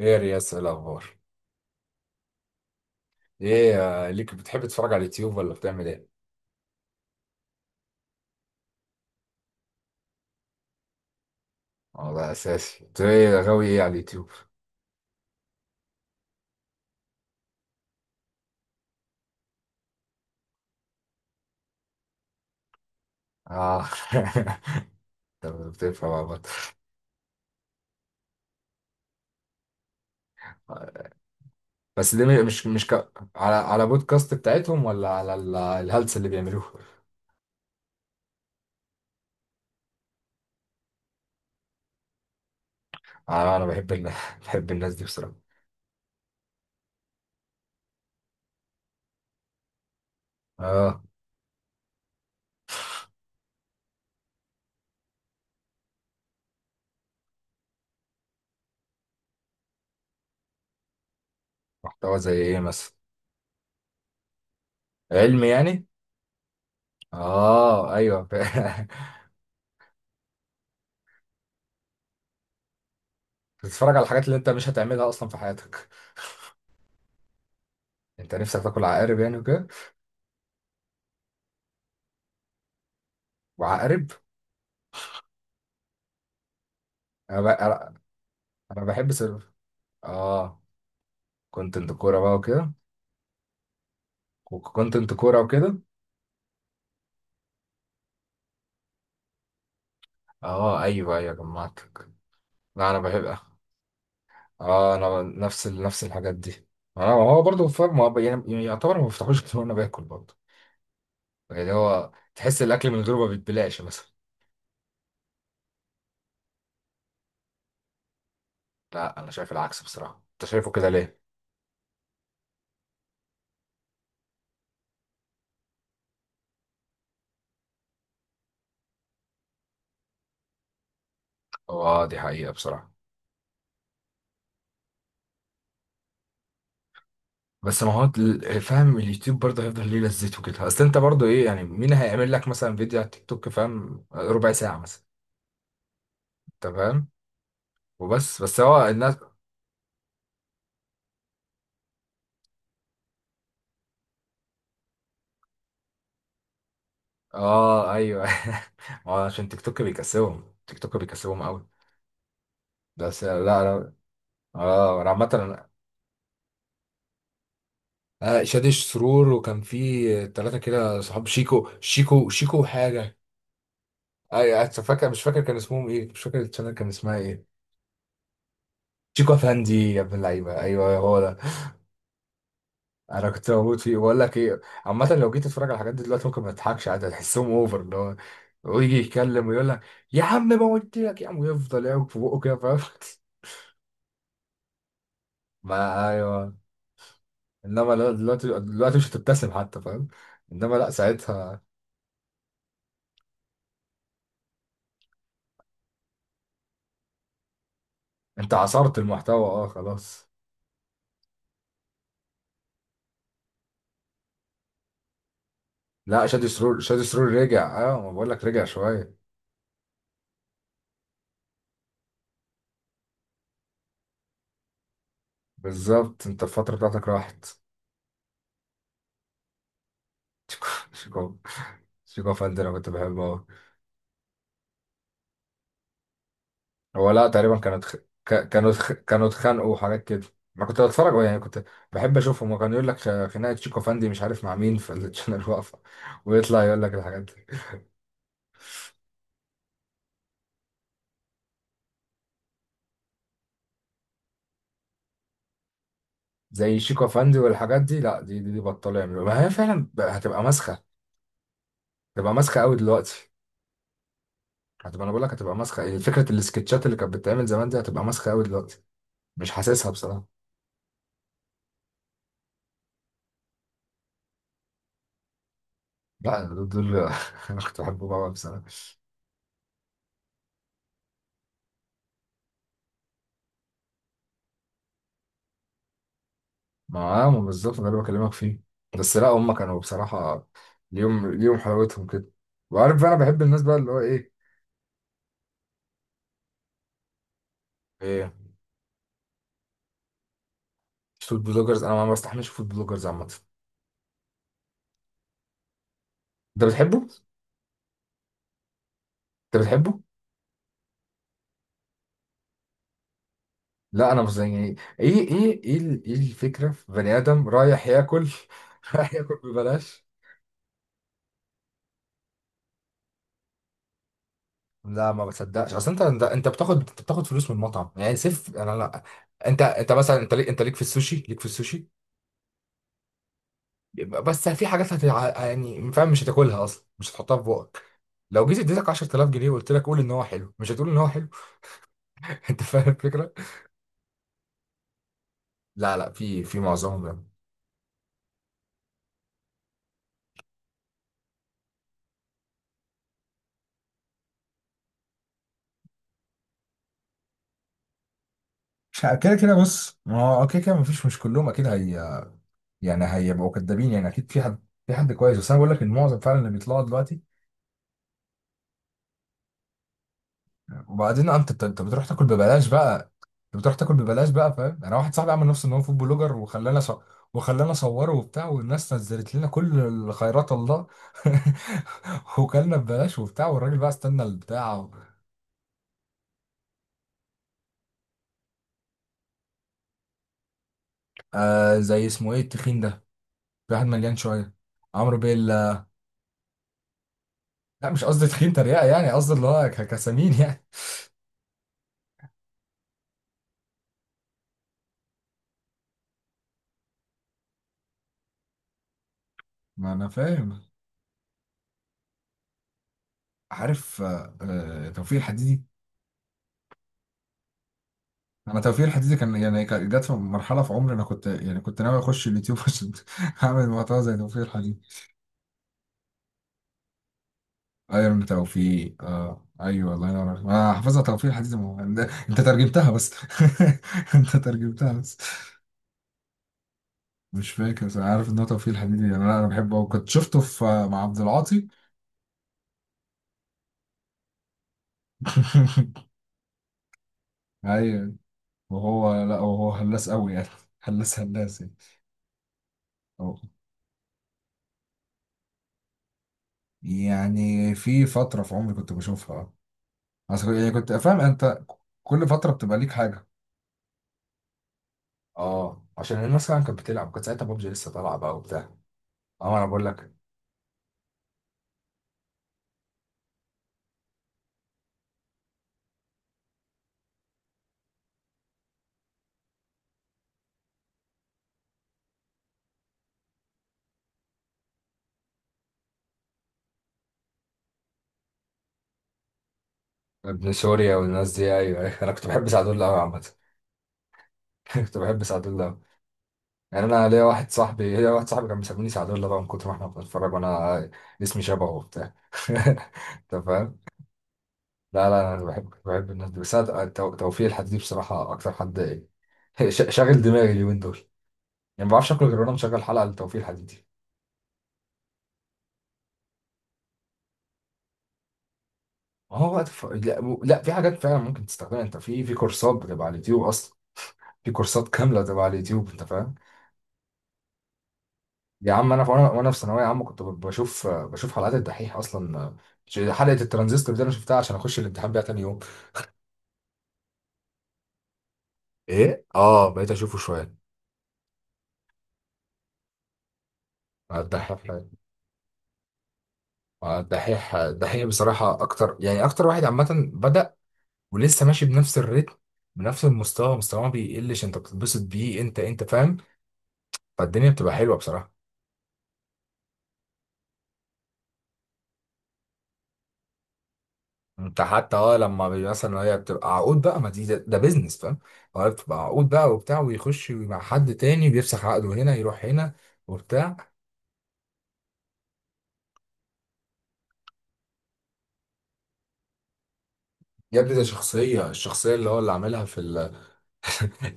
ايه يا رياس، ايه الاخبار؟ ايه ليك بتحب تتفرج على اليوتيوب ولا بتعمل ايه؟ اه، ده اساسي. انت ايه غاوي ايه على اليوتيوب؟ اه طب بتفهم عامة. بس دي مش مش ك... على بودكاست بتاعتهم ولا على الهلس اللي بيعملوه؟ انا بحب الناس بحب الناس دي بصراحه. اه. محتوى زي ايه مثلا؟ علم يعني. اه ايوه بتتفرج على الحاجات اللي انت مش هتعملها اصلا في حياتك. انت نفسك تاكل عقارب يعني وكده؟ وعقارب. انا ب... انا أنا اه، كونتنت كورة بقى وكده. وكونتنت كورة وكده. اه ايوه ايوه جمعتك. لا انا بحب. اه، نفس نفس الحاجات دي. انا هو برضه فاهم، يعني يعتبر ما بفتحوش غير وانا باكل برضه، يعني هو تحس الاكل من غيره ما بيتبلعش مثلا. لا انا شايف العكس بصراحة، انت شايفه كده ليه؟ هو اه دي حقيقة بصراحة. بس ما هو فاهم اليوتيوب برضه هيفضل ليه لذته كده، اصل انت برضه ايه يعني، مين هيعمل لك مثلا فيديو على التيك توك فاهم، ربع ساعة مثلا؟ انت فاهم. وبس هو الناس. اه ايوه ما هو عشان تيك توك بيكسبهم، تيك توك بيكسبهم قوي. بس لا. اه عامة آه، شادي سرور، وكان في ثلاثة كده صحاب، شيكو حاجة. اي أنا فاكر، مش فاكر كان اسمهم ايه مش فاكر الشانل كان اسمها ايه. شيكو افندي، يا ابن اللعيبة ايوه هو ده. انا كنت موجود فيه، بقول لك ايه عامة، لو جيت تتفرج على الحاجات دي دلوقتي ممكن ما تضحكش عادي، هتحسهم اوفر، اللي هو ويجي يتكلم ويقول لك يا عم ما قلت لك يا عم، ويفضل يعوج في بقه كده فاهم ما ايوه. انما لا- دلوقتي، دلوقتي مش هتبتسم حتى فاهم. انما لا ساعتها انت عصرت المحتوى، اه خلاص. لا شادي سرور، شادي سرور رجع، اه ما بقول لك رجع شويه. بالظبط، انت الفتره بتاعتك راحت. شيكو، شيكو فندم، انا كنت بحبه أوي. هو لا تقريبا كانوا اتخانقوا وحاجات كده. انا كنت بتفرج يعني، كنت بحب اشوفهم، وكان يقول لك خناقه شيكو فندي مش عارف مع مين في الشانل واقفه، ويطلع يقول لك الحاجات دي. زي شيكو فندي والحاجات دي، لا دي بطلوا يعملوا، ما هي فعلا هتبقى مسخه. تبقى ماسخه قوي دلوقتي. هتبقى، انا بقول لك هتبقى ماسخه، يعني فكره السكتشات اللي كانت بتتعمل زمان دي هتبقى ماسخه قوي دلوقتي. مش حاسسها بصراحه. لا دول انا كنت بحبهم قوي بصراحه. ما بالظبط ده اللي بكلمك فيه. بس لا هم كانوا بصراحه ليهم حلاوتهم كده، وعارف بقى انا بحب الناس بقى اللي هو ايه. ايه. فود بلوجرز، انا ما بستحملش فود بلوجرز عامه. انت بتحبه انت؟ بتحبه؟ لا انا مش زي يعني، ايه الفكره في بني ادم رايح ياكل رايح ياكل ببلاش. لا ما بصدقش، اصل انت بتاخد، انت بتاخد فلوس من المطعم يعني، سيف انا لا. انت مثلا انت ليك، انت ليك في السوشي، ليك في السوشي. بس في حاجات يعني فاهم مش هتاكلها اصلا، مش هتحطها في بقك. لو جيت اديتك 10,000 جنيه وقلت لك قول ان هو حلو، مش هتقول ان هو حلو. انت فاهم الفكره. لا في في معظمهم لا. مش ه- كده بص، ما هو كده مفيش، مش كلهم اكيد، هي يعني هيبقوا كدابين يعني. اكيد في حد، في حد كويس، بس انا بقول لك ان معظم فعلا اللي بيطلعوا دلوقتي. وبعدين انت بتروح تاكل ببلاش بقى. انت بتروح تاكل ببلاش بقى فاهم. انا واحد صاحبي عمل نفسه ان هو فود بلوجر وخلانا وخلانا صوره وبتاع، والناس نزلت لنا كل الخيرات الله وكلنا ببلاش وبتاع، والراجل بقى استنى البتاع آه، زي اسمه ايه التخين ده، في واحد مليان شويه، عمرو بيلا. لا مش قصدي تخين تريقه، يعني قصدي اللي هو كسمين يعني. ما انا فاهم. عارف توفيق الحديدي؟ انا توفير حتتي كان يعني جت في مرحله في عمري انا كنت يعني كنت ناوي اخش اليوتيوب عشان اعمل محتوى زي توفير حديدي. ايرون توفيق، اه ايوه الله ينور عليك، انا حافظها توفير حديدي، ما هو- ده- انت ترجمتها بس. انت ترجمتها بس. مش فاكر بس انا عارف ان هو توفيق حديدي يعني، انا بحبه، وكنت شفته في مع عبد العاطي. ايوه. وهو لا، وهو هلاس قوي يعني، هلاس يعني. أه. يعني في فتره في عمري كنت بشوفها، اصل يعني كنت فاهم انت، كل فتره بتبقى ليك حاجه. اه عشان الناس فعلا كانت بتلعب، كانت ساعتها ببجي لسه طالعه بقى وبتاع. اه انا بقول لك. ابن سوريا والناس دي، ايوه أيوة. انا كنت بحب سعد الله قوي عامه. كنت بحب سعد الله أوي. يعني انا ليا واحد صاحبي، ليا واحد صاحبي كان بيسميني سعد الله بقى، من كتر ما احنا بنتفرج وانا اسمي شبهه وبتاع. انت فاهم. لا انا بحب، كنت بحب الناس دي، بس أنا توفيق الحديدي دي بصراحه اكتر حد. إيه، شاغل دماغي اليومين دول، يعني ما بعرفش اكل غير وانا مشغل حلقه لتوفيق الحديدي. هو وقت لا, لا، في حاجات فعلا ممكن تستخدمها انت في، في كورسات بتبقى على اليوتيوب اصلا، في كورسات كامله بتبقى على اليوتيوب انت فاهم. يا عم انا وانا في ثانويه عامه كنت بشوف حلقات الدحيح اصلا. حلقه الترانزستور دي انا شفتها عشان اخش الامتحان بيها تاني يوم. ايه اه بقيت اشوفه شويه. مع الدحيح. مع الدحيح، الدحيح بصراحه اكتر يعني، اكتر واحد عامه بدأ ولسه ماشي بنفس الريتم، بنفس المستوى، مستواه ما بيقلش، انت بتتبسط بيه، انت انت فاهم، فالدنيا بتبقى حلوه بصراحه. انت حتى اه لما مثلا، هي بتبقى عقود بقى ما دي، ده بيزنس فاهم، هو بتبقى عقود بقى وبتاع، ويخش مع حد تاني بيفسخ عقده، هنا يروح هنا وبتاع. يا ابني ده شخصية، الشخصية اللي هو اللي عاملها في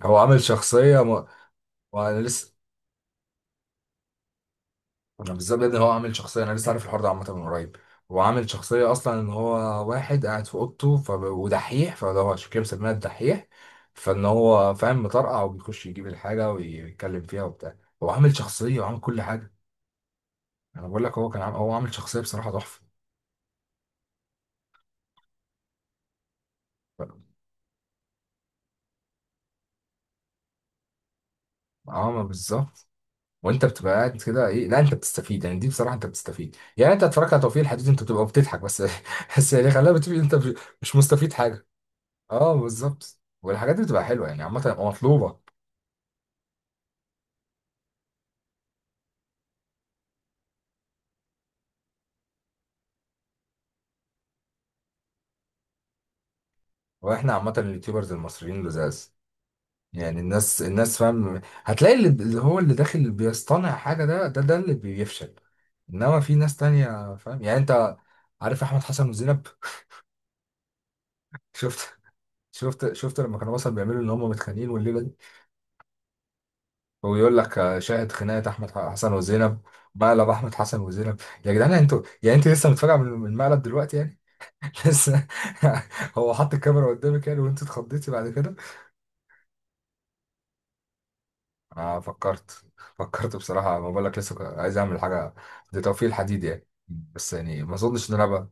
هو عامل شخصية وانا لسه، انا بالظبط يا ابني، هو عامل شخصية، انا لسه عارف الحوار ده عامة من قريب، هو عامل شخصية اصلا ان هو واحد قاعد في اوضته ودحيح، فده هو عشان كده مسميها الدحيح، فان هو فاهم مطرقع وبيخش يجيب الحاجة ويتكلم فيها وبتاع. هو عامل شخصية وعامل كل حاجة. انا بقول لك هو كان عامل، هو عامل شخصيه بصراحه تحفه. عامه بالظبط. وانت بتبقى قاعد كده ايه، لا انت بتستفيد يعني، دي بصراحه انت بتستفيد يعني، انت اتفرجت على توفيق الحديد انت بتبقى بتضحك بس بس يعني خلينا، بتبقى انت مش مستفيد حاجه. اه بالظبط، والحاجات دي بتبقى حلوه يعني عامه مطلوبه. واحنا عامه اليوتيوبرز المصريين لزاز يعني. الناس، الناس فاهم هتلاقي اللي، اللي هو اللي داخل، اللي بيصطنع حاجه ده، ده اللي بيفشل، انما في ناس تانية فاهم يعني انت. عارف احمد حسن وزينب؟ شفت، شفت لما كانوا مثلا بيعملوا ان هم متخانقين والليله دي، ويقول لك آه، شاهد خناقه احمد حسن وزينب، مقلب احمد حسن وزينب. يا جدعان انتوا يعني، انت لسه متفاجئه من من المقلب دلوقتي يعني؟ لسه، هو حط الكاميرا قدامك يعني وانت اتخضيتي بعد كده. انا فكرت. فكرت بصراحه، ما بقول لك لسه عايز اعمل حاجه دي، توفيق الحديد يعني، بس يعني ما اظنش ان انا.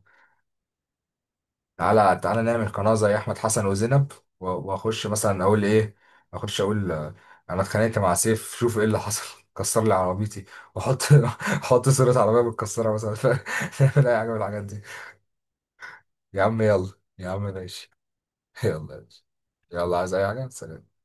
تعالى نعمل قناة زي أحمد حسن وزينب، وأخش مثلا أقول إيه، أخش أقول آه، أنا اتخانقت مع سيف، شوف إيه اللي حصل، كسر لي عربيتي، وأحط أحط صورة عربية متكسرة مثلا نعمل أي حاجة من الحاجات دي. يا عم يلا. يا عم ماشي. يلا. يلا، عايز أي حاجة؟ سلام.